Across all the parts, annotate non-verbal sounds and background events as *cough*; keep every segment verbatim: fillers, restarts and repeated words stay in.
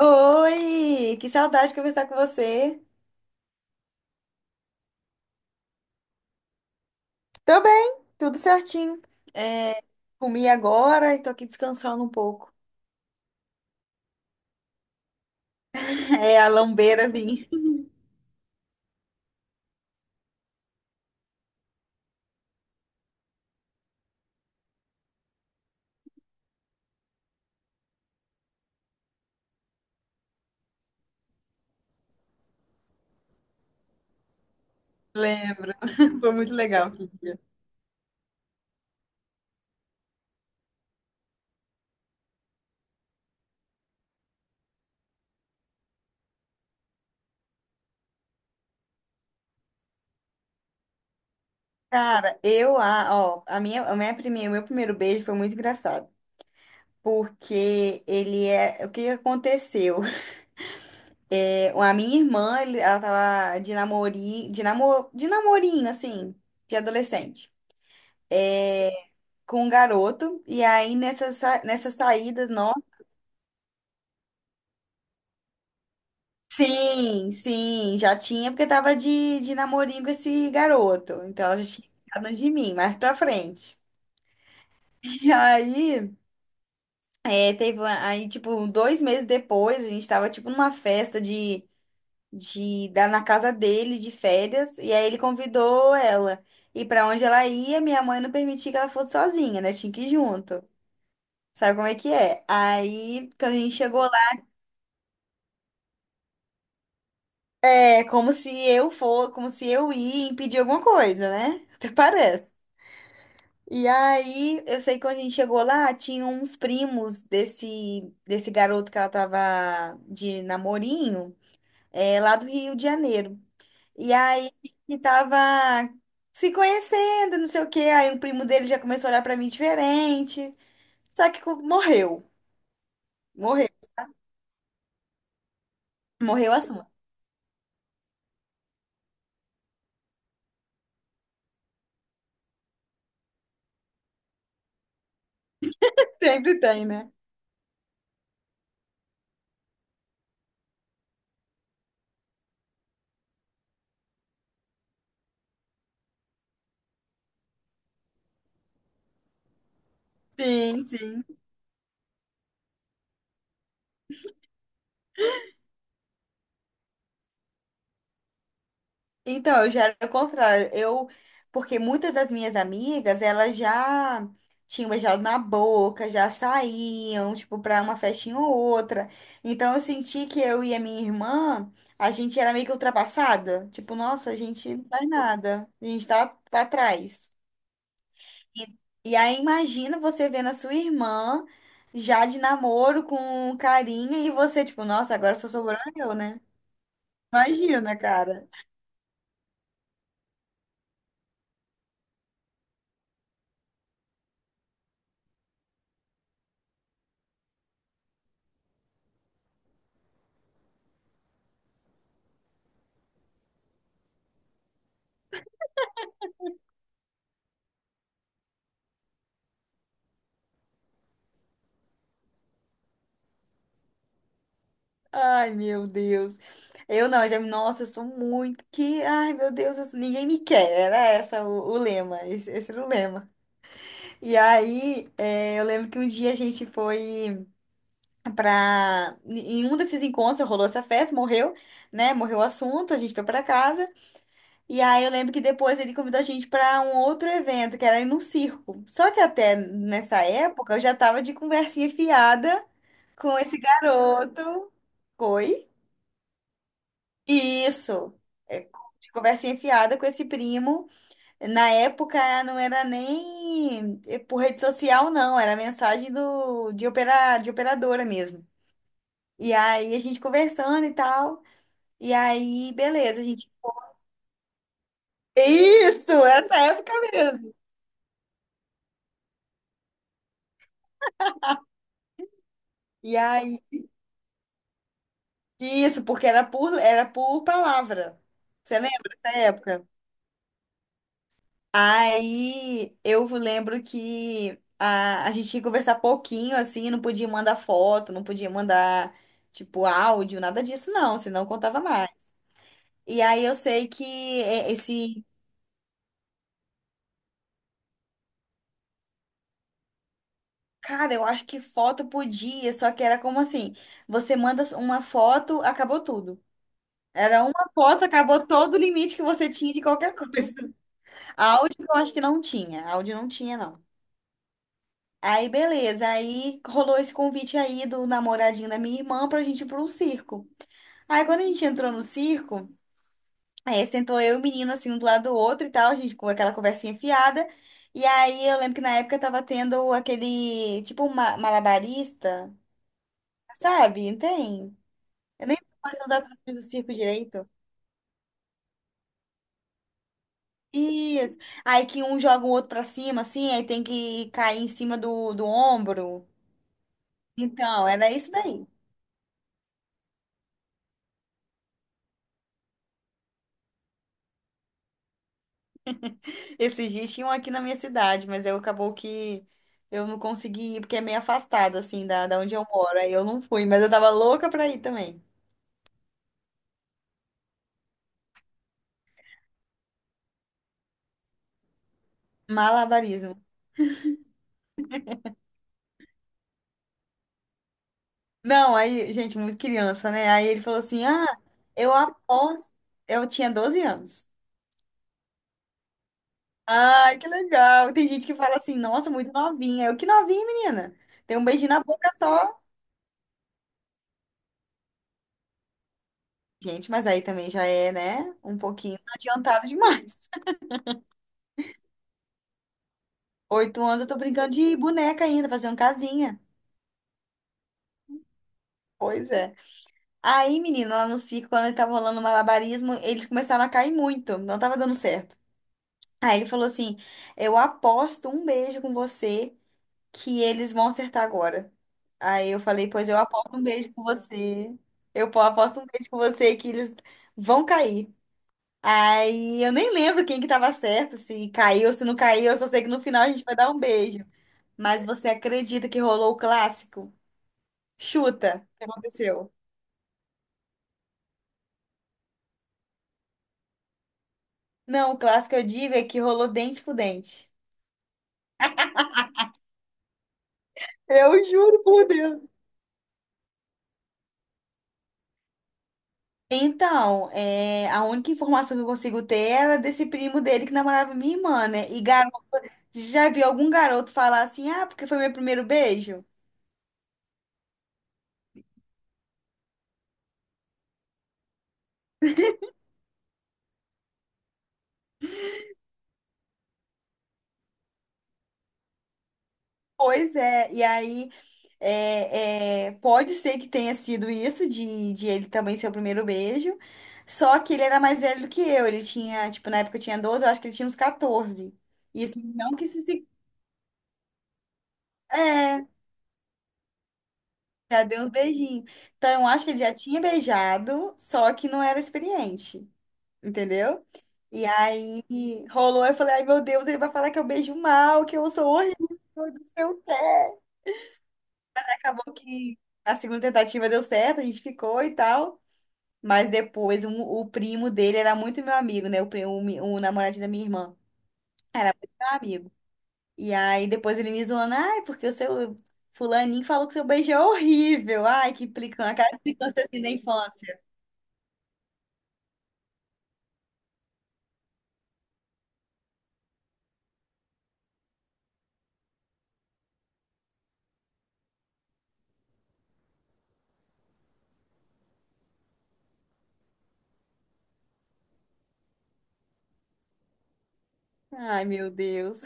Oi, que saudade de conversar com você. Tô bem, tudo certinho. É, comi agora e tô aqui descansando um pouco. *laughs* É, a lambeira vim. Lembro. *laughs* Foi muito legal aquele dia. Cara, eu, a, ó, a minha, a minha primeira, o meu primeiro beijo foi muito engraçado. Porque ele é. O que que aconteceu? É, a minha irmã, ele- ela tava de namorinho, de, namor, de namorinho, assim, de adolescente. É, com um garoto, e aí nessas, sa- nessas saídas, nossa. Sim, sim, já tinha, porque tava de, de namorinho com esse garoto. Então ela já tinha ficado de mim, mais pra frente. *laughs* E aí, é, teve, uma- aí, tipo, dois meses depois, a gente tava, tipo, numa festa de, de, da, na casa dele, de férias, e aí ele convidou ela. E pra onde ela ia, minha mãe não permitia que ela fosse sozinha, né? Tinha que ir junto. Sabe como é que é? Aí, quando a gente chegou. É como se eu for, como se eu ia impedir alguma coisa, né? *laughs* Até parece. E aí, eu sei que quando a gente chegou lá, tinha uns primos desse, desse garoto que ela tava de namorinho, é, lá do Rio de Janeiro. E aí, que tava se conhecendo, não sei o quê. Aí, o primo dele já começou a olhar pra mim diferente. Só que co- morreu. Morreu. Morreu o assunto. *laughs* Sempre tem, né? Sim, sim. Então, eu já era o contrário. Eu, porque muitas das minhas amigas, elas já tinham beijado na boca, já saíam, tipo, pra uma festinha ou outra. Então, eu senti que eu e a minha irmã, a gente era meio que ultrapassada. Tipo, nossa, a gente não faz nada. A gente tá pra trás. E aí, imagina você vendo a sua irmã já de namoro com carinha e você, tipo, nossa, agora só sobrou eu, né? Imagina, cara. Ai, meu Deus. Eu não, já, nossa, eu sou muito que, ai, meu Deus, assim, ninguém me quer. Era essa o, o lema, esse, esse era o lema. E aí, é, eu lembro que um dia a gente foi pra. Em um desses encontros rolou essa festa, morreu, né? Morreu o assunto, a gente foi pra casa. E aí eu lembro que depois ele convidou a gente pra um outro evento, que era ir num circo. Só que até nessa época eu já tava de conversinha fiada com esse garoto. Foi. Isso. É, de conversa enfiada com esse primo. Na época não era nem eh, por rede social, não. Era mensagem do, de, opera, de operadora mesmo. E aí a gente conversando e tal. E aí, beleza, a gente. Isso, essa época mesmo. E aí, isso, porque era por, era por palavra. Você lembra dessa época? Aí eu lembro que a, a gente tinha que conversar pouquinho, assim, não podia mandar foto, não podia mandar, tipo, áudio, nada disso, não, senão eu contava mais. E aí eu sei que e- esse. Cara, eu acho que foto podia, só que era como assim: você manda uma foto, acabou tudo. Era uma foto, acabou todo o limite que você tinha de qualquer coisa. *laughs* Áudio eu acho que não tinha, áudio não tinha, não. Aí, beleza. Aí rolou esse convite aí do namoradinho da minha irmã pra gente ir pra um circo. Aí, quando a gente entrou no circo, aí sentou eu e o menino assim, um do lado do outro e tal, a gente com aquela conversinha fiada. E aí, eu lembro que na época tava tendo aquele, tipo, um ma- malabarista, sabe? Não tem? Eu nem posso dar do circo direito. Isso. Aí que um joga o outro pra cima, assim, aí tem que cair em cima do, do ombro. Então, era isso daí. Esses dias tinham aqui na minha cidade, mas eu acabou que eu não consegui ir, porque é meio afastado, assim, da, da onde eu moro. Aí eu não fui, mas eu tava louca pra ir também. Malabarismo. Não, aí, gente, muito criança, né? Aí ele falou assim: ah, eu aposto. Eu tinha doze anos. Ai, que legal. Tem gente que fala assim, nossa, muito novinha. Eu, que novinha, menina. Tem um beijinho na boca só. Gente, mas aí também já é, né? Um pouquinho adiantado demais. *laughs* Oito anos eu tô brincando de boneca ainda, fazendo casinha. Pois é. Aí, menino, lá no circo, quando tava rolando malabarismo, eles começaram a cair muito, não tava dando certo. Aí ele falou assim: eu aposto um beijo com você que eles vão acertar agora. Aí eu falei: pois eu aposto um beijo com você. Eu po- aposto um beijo com você que eles vão cair. Aí eu nem lembro quem que tava certo, se caiu, se não caiu, eu só sei que no final a gente vai dar um beijo. Mas você acredita que rolou o clássico? Chuta, o que aconteceu? Não, o clássico eu digo é que rolou dente com dente. Eu juro por Deus. Então, é, a única informação que eu consigo ter era desse primo dele que namorava minha irmã, né? E garoto, já vi algum garoto falar assim, ah, porque foi meu primeiro beijo? Pois é, e aí é, é, pode ser que tenha sido isso de, de ele também ser o primeiro beijo, só que ele era mais velho do que eu, ele tinha, tipo, na época eu tinha doze. Eu acho que ele tinha uns catorze. E assim, não que isso se... é, Já deu os beijinhos. Então, eu acho que ele já tinha beijado, só que não era experiente, entendeu? E aí rolou, eu falei, ai meu Deus, ele vai falar que eu beijo mal, que eu sou horrível, não sei o quê. Acabou que a segunda tentativa deu certo, a gente ficou e tal. Mas depois um- o primo dele era muito meu amigo, né? O, primo, o, mi- O namoradinho da minha irmã, meu amigo. E aí depois ele me zoando, ai, porque o seu fulaninho falou que seu beijo é horrível. Ai, que implicância, aquela implicância assim da infância. Ai, meu Deus.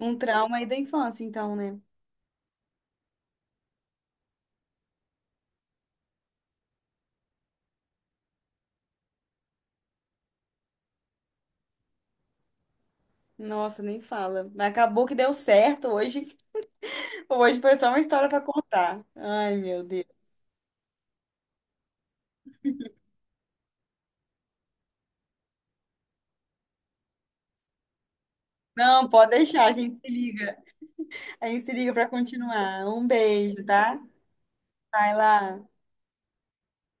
Um trauma aí da infância, então, né? Nossa, nem fala. Mas acabou que deu certo hoje. Hoje foi só uma história para contar. Ai, meu Deus. Não, pode deixar, a gente se liga. A gente se liga para continuar. Um beijo, tá? Vai lá.